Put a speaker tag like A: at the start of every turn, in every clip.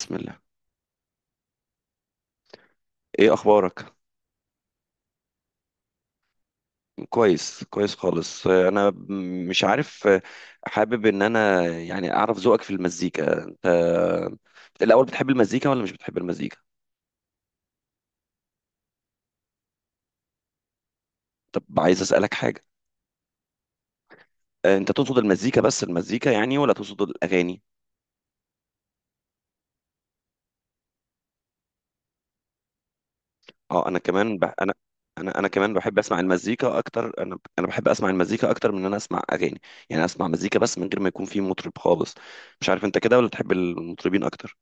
A: بسم الله. ايه اخبارك؟ كويس كويس خالص، انا مش عارف. حابب ان انا يعني اعرف ذوقك في المزيكا. انت الاول بتحب المزيكا ولا مش بتحب المزيكا؟ طب عايز اسالك حاجه. انت تقصد المزيكا بس، المزيكا يعني، ولا تقصد الاغاني؟ اه، انا كمان ب... انا انا انا كمان بحب اسمع المزيكا اكتر. انا بحب اسمع المزيكا اكتر من ان انا اسمع اغاني. يعني اسمع مزيكا بس من غير ما يكون في مطرب خالص. مش عارف انت كده، ولا تحب المطربين اكتر؟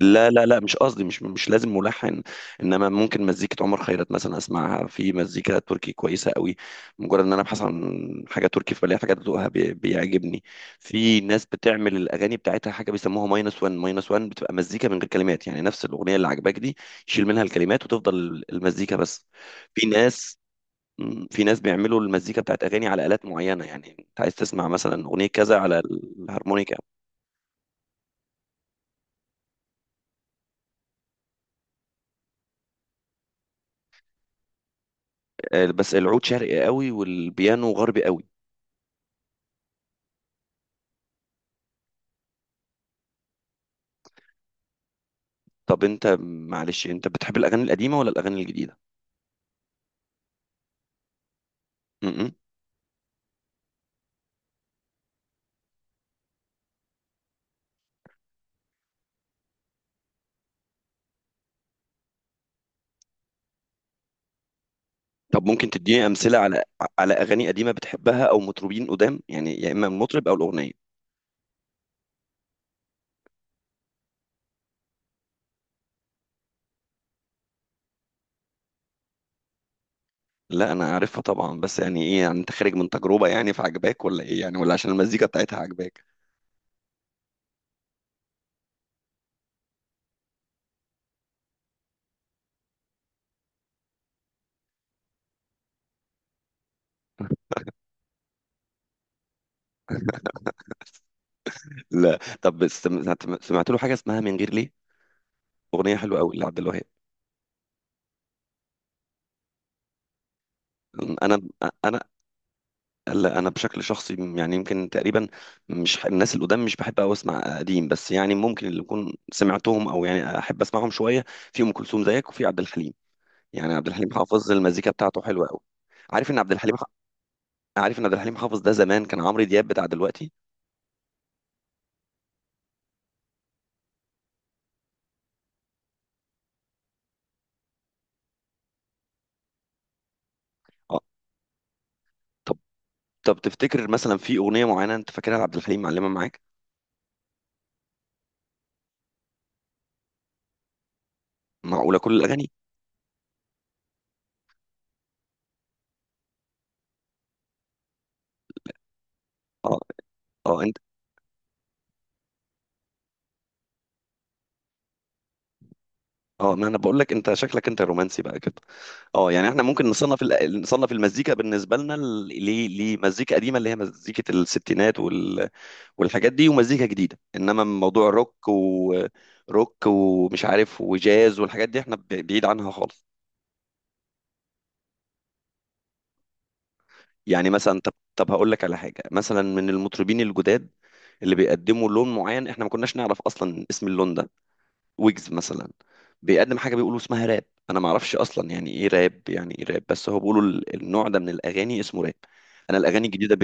A: لا لا لا، مش قصدي مش لازم ملحن. انما ممكن مزيكة عمر خيرت مثلا اسمعها. في مزيكة تركي كويسة قوي. مجرد ان انا ابحث عن حاجة تركي فبلاقي حاجة ذوقها بيعجبني. في ناس بتعمل الاغاني بتاعتها حاجة بيسموها ماينس 1 ماينس 1، بتبقى مزيكة من غير كلمات. يعني نفس الاغنية اللي عجباك دي يشيل منها الكلمات وتفضل المزيكة بس. في ناس في ناس بيعملوا المزيكا بتاعت اغاني على الات معينه. يعني انت عايز تسمع مثلا اغنيه كذا على الهارمونيكا. بس العود شرقي قوي والبيانو غربي قوي. طب انت معلش، انت بتحب الاغاني القديمه ولا الاغاني الجديده؟ م-م. طب ممكن تديني امثله على اغاني قديمه بتحبها او مطربين قدام، يعني يا اما المطرب او الاغنيه. لا، انا عارفها طبعا، بس يعني ايه يعني، انت خارج من تجربه يعني فعجباك، ولا ايه يعني، ولا عشان المزيكا بتاعتها عجباك؟ لا، طب سمعت له حاجه اسمها من غير ليه؟ اغنيه حلوه قوي لعبد الوهاب. انا انا لا، انا بشكل شخصي، يعني يمكن تقريبا، مش ح- الناس القدام مش بحب أوي اسمع قديم، بس يعني ممكن اللي اكون سمعتهم او يعني احب اسمعهم شويه، في ام كلثوم زيك، وفي عبد الحليم. يعني عبد الحليم حافظ المزيكا بتاعته حلوه قوي. عارف ان عبد الحليم ح- عارف ان عبد الحليم حافظ ده زمان كان عمرو دياب بتاع دلوقتي. اه. طب طب تفتكر مثلا في اغنيه معينه انت فاكرها لعبد الحليم معلمه معاك؟ معقوله كل الاغاني؟ اه اه، انت. اه، ما انا بقول لك، انت شكلك انت رومانسي بقى كده. اه، يعني احنا ممكن نصنف نصنف المزيكا بالنسبه لنا لمزيكا قديمه اللي هي مزيكه الستينات والحاجات دي، ومزيكا جديده. انما موضوع الروك وروك ومش عارف وجاز والحاجات دي احنا بعيد عنها خالص. يعني مثلا، طب هقول لك على حاجه مثلا من المطربين الجداد، اللي بيقدموا لون معين احنا ما كناش نعرف اصلا اسم اللون ده. ويجز مثلا بيقدم حاجه بيقولوا اسمها راب. انا ما اعرفش اصلا يعني ايه راب، يعني ايه راب. بس هو بيقولوا النوع ده من الاغاني اسمه راب. انا الاغاني الجديده.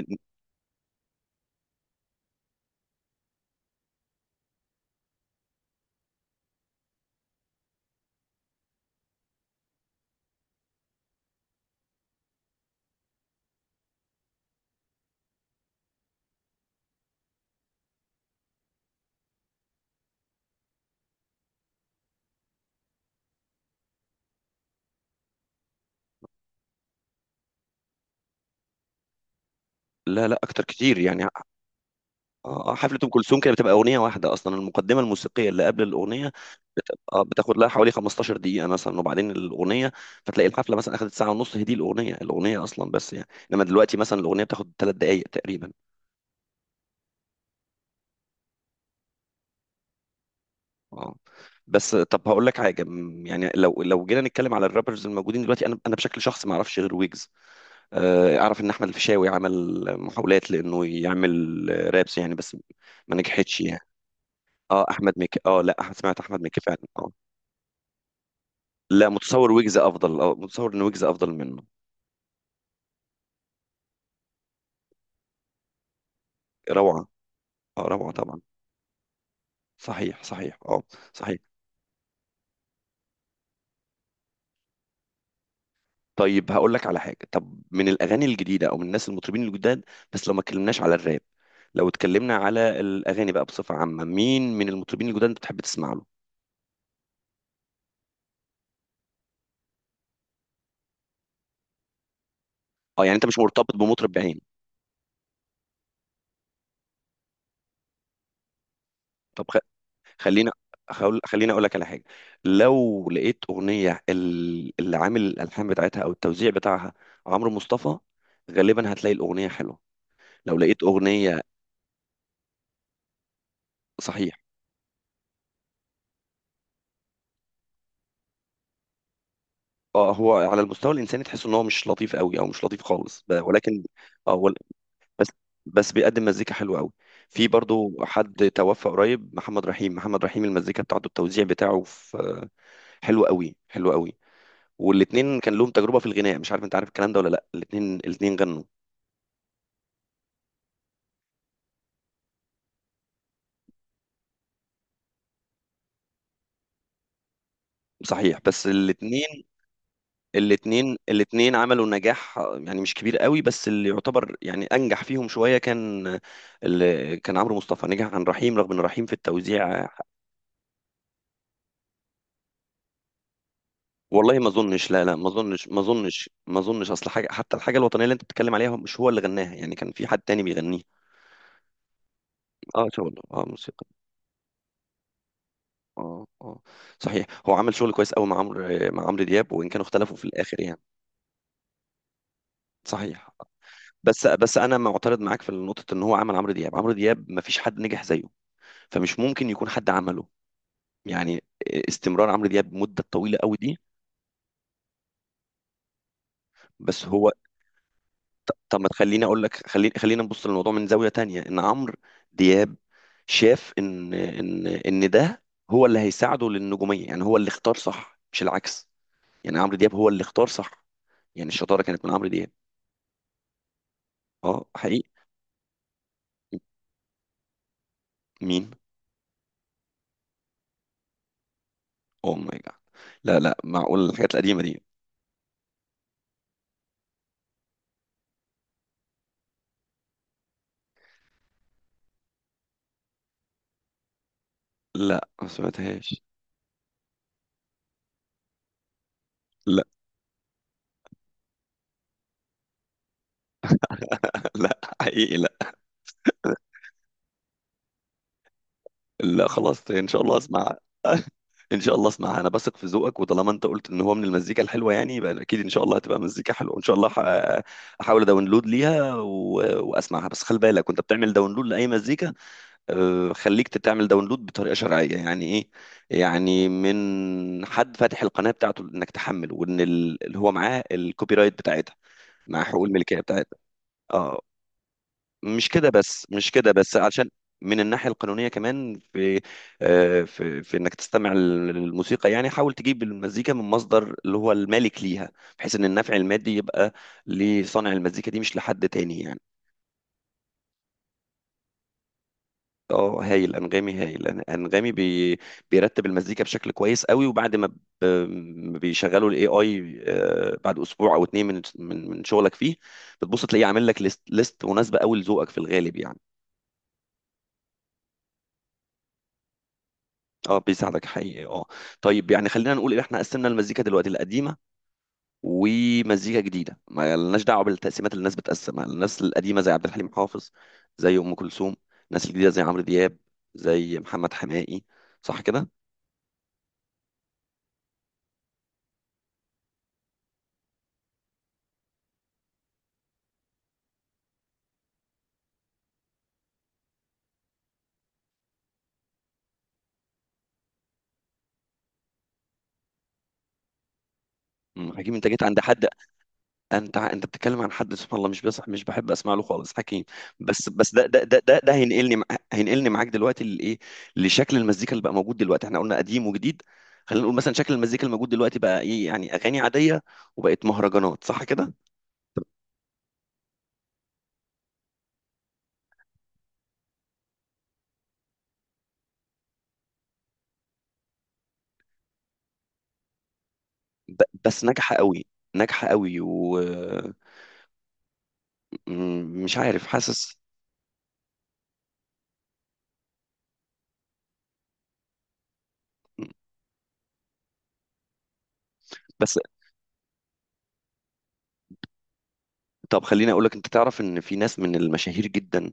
A: لا لا، اكتر كتير يعني. حفله ام كلثوم كده بتبقى اغنيه واحده اصلا. المقدمه الموسيقيه اللي قبل الاغنيه بتاخد لها حوالي 15 دقيقه مثلا، وبعدين الاغنيه. فتلاقي الحفله مثلا اخذت ساعه ونص، هي دي الاغنيه اصلا بس يعني. انما دلوقتي مثلا الاغنيه بتاخد 3 دقائق تقريبا. اه. بس طب هقول لك حاجه، يعني لو جينا نتكلم على الرابرز الموجودين دلوقتي، انا بشكل شخصي ما اعرفش غير ويجز. اعرف ان احمد الفيشاوي عمل محاولات لانه يعمل رابس يعني، بس ما نجحتش يعني. اه، احمد مكي. اه، لا، سمعت احمد مكي فعلا، اه. لا، متصور ويجز افضل، اه، متصور ان ويجز افضل منه. روعه. اه، روعه طبعا. صحيح صحيح، اه. صحيح. طيب هقول لك على حاجه، طب من الاغاني الجديده او من الناس المطربين الجداد، بس لو ما اتكلمناش على الراب. لو اتكلمنا على الاغاني بقى بصفه عامه، مين من المطربين الجداد انت بتحب تسمع له؟ اه، يعني انت مش مرتبط بمطرب بعينه. طب خلينا، خليني اقول لك على حاجه. لو لقيت اغنيه اللي عامل الالحان بتاعتها او التوزيع بتاعها عمرو مصطفى، غالبا هتلاقي الاغنيه حلوه. لو لقيت اغنيه. صحيح. اه، هو على المستوى الانساني تحس ان هو مش لطيف قوي، او مش لطيف خالص، ولكن. اه، بس بس بيقدم مزيكا حلوه قوي. في برضو حد توفى قريب، محمد رحيم. محمد رحيم المزيكا بتاعته التوزيع بتاعه في، حلو قوي حلو قوي. والاتنين كان لهم تجربه في الغناء. مش عارف انت عارف الكلام ده ولا لا. الاتنين غنوا. صحيح. بس الاثنين عملوا نجاح يعني مش كبير قوي، بس اللي يعتبر يعني انجح فيهم شويه كان، اللي كان عمرو مصطفى نجح عن رحيم، رغم ان رحيم في التوزيع. والله ما اظنش، لا لا، ما اظنش ما اظنش ما اظنش. اصل حاجه، حتى الحاجه الوطنيه اللي انت بتتكلم عليها مش هو اللي غناها، يعني كان في حد تاني بيغنيها. اه، شغل، اه، موسيقى. اه اه، صحيح، هو عمل شغل كويس قوي مع عمرو، مع عمرو دياب، وان كانوا اختلفوا في الاخر يعني. صحيح. بس انا معترض معاك في نقطه ان هو عمل عمرو دياب. عمرو دياب ما فيش حد نجح زيه، فمش ممكن يكون حد عمله يعني. استمرار عمرو دياب مده طويله قوي دي. بس هو، طب ما تخليني اقول لك، خلينا نبص للموضوع من زاويه تانية. ان عمرو دياب شاف ان ده هو اللي هيساعده للنجوميه. يعني هو اللي اختار صح، مش العكس. يعني عمرو دياب هو اللي اختار صح. يعني الشطاره كانت من عمرو دياب. اه، حقيقي. مين؟ اوه ماي جاد. لا لا، معقول الحاجات القديمه دي؟ لا، ما سمعتهاش. لا لا، حقيقي، لا. لا، خلاص ان شاء الله اسمع. ان شاء الله اسمعها. انا بثق في ذوقك، وطالما انت قلت ان هو من المزيكا الحلوه يعني، يبقى اكيد ان شاء الله هتبقى مزيكا حلوه ان شاء الله. احاول اداونلود ليها واسمعها. بس خلي بالك وانت بتعمل داونلود لاي مزيكا، خليك تعمل داونلود بطريقه شرعيه. يعني ايه؟ يعني من حد فاتح القناه بتاعته انك تحمل، وان اللي هو معاه الكوبي رايت بتاعتها، مع حقوق الملكيه بتاعتها. اه. مش كده بس، مش كده بس، عشان من الناحية القانونية كمان، في في انك تستمع للموسيقى، يعني حاول تجيب المزيكا من مصدر اللي هو المالك ليها، بحيث ان النفع المادي يبقى لصانع المزيكا دي مش لحد تاني يعني. اه، هايل. انغامي هايل. انغامي بيرتب المزيكا بشكل كويس قوي، وبعد ما ب- ما بيشغلوا الاي اي بعد اسبوع او اتنين من شغلك فيه، بتبص تلاقيه عامل لك ليست مناسبة قوي لذوقك في الغالب يعني. اه، بيساعدك حقيقي، اه. طيب يعني خلينا نقول ان احنا قسمنا المزيكا دلوقتي القديمه ومزيكا جديده، ما لناش دعوه بالتقسيمات اللي الناس بتقسمها. الناس القديمه زي عبد الحليم حافظ، زي ام كلثوم. الناس الجديده زي عمرو دياب، زي محمد حماقي. صح كده؟ مم. حكيم؟ انت جيت عند حد، انت بتتكلم عن حد سبحان الله مش بصح، مش بحب اسمع له خالص حكيم. بس ده ده هينقلني هينقلني معاك دلوقتي لايه، لشكل المزيكا اللي بقى موجود دلوقتي. احنا قلنا قديم وجديد. خلينا نقول مثلا شكل المزيكا الموجود دلوقتي بقى ايه، يعني اغاني عاديه، وبقت مهرجانات، صح كده؟ بس ناجحه قوي، ناجحه قوي. ومش عارف، حاسس. بس طب خليني اقول لك، انت تعرف ان في ناس من المشاهير جدا،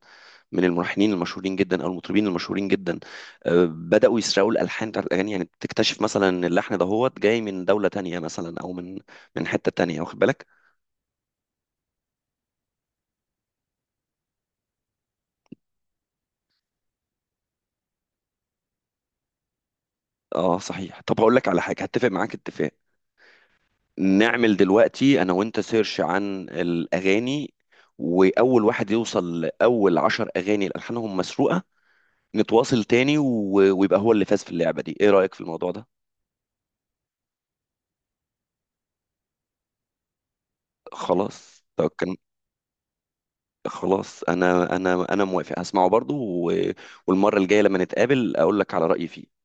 A: من الملحنين المشهورين جدا او المطربين المشهورين جدا، بداوا يسرقوا الالحان بتاعت الاغاني؟ يعني بتكتشف مثلا ان اللحن دهوت جاي من دوله تانية مثلا، او من حته تانية، واخد بالك؟ اه، صحيح. طب هقول لك على حاجه هتفق معاك اتفاق، نعمل دلوقتي انا وانت سيرش عن الاغاني، واول واحد يوصل لاول 10 اغاني الالحانهم مسروقه نتواصل تاني، ويبقى هو اللي فاز في اللعبه دي. ايه رايك في الموضوع ده؟ خلاص، طب. خلاص، انا انا موافق، هسمعه برضو. و- والمره الجايه لما نتقابل اقول لك على رايي فيه.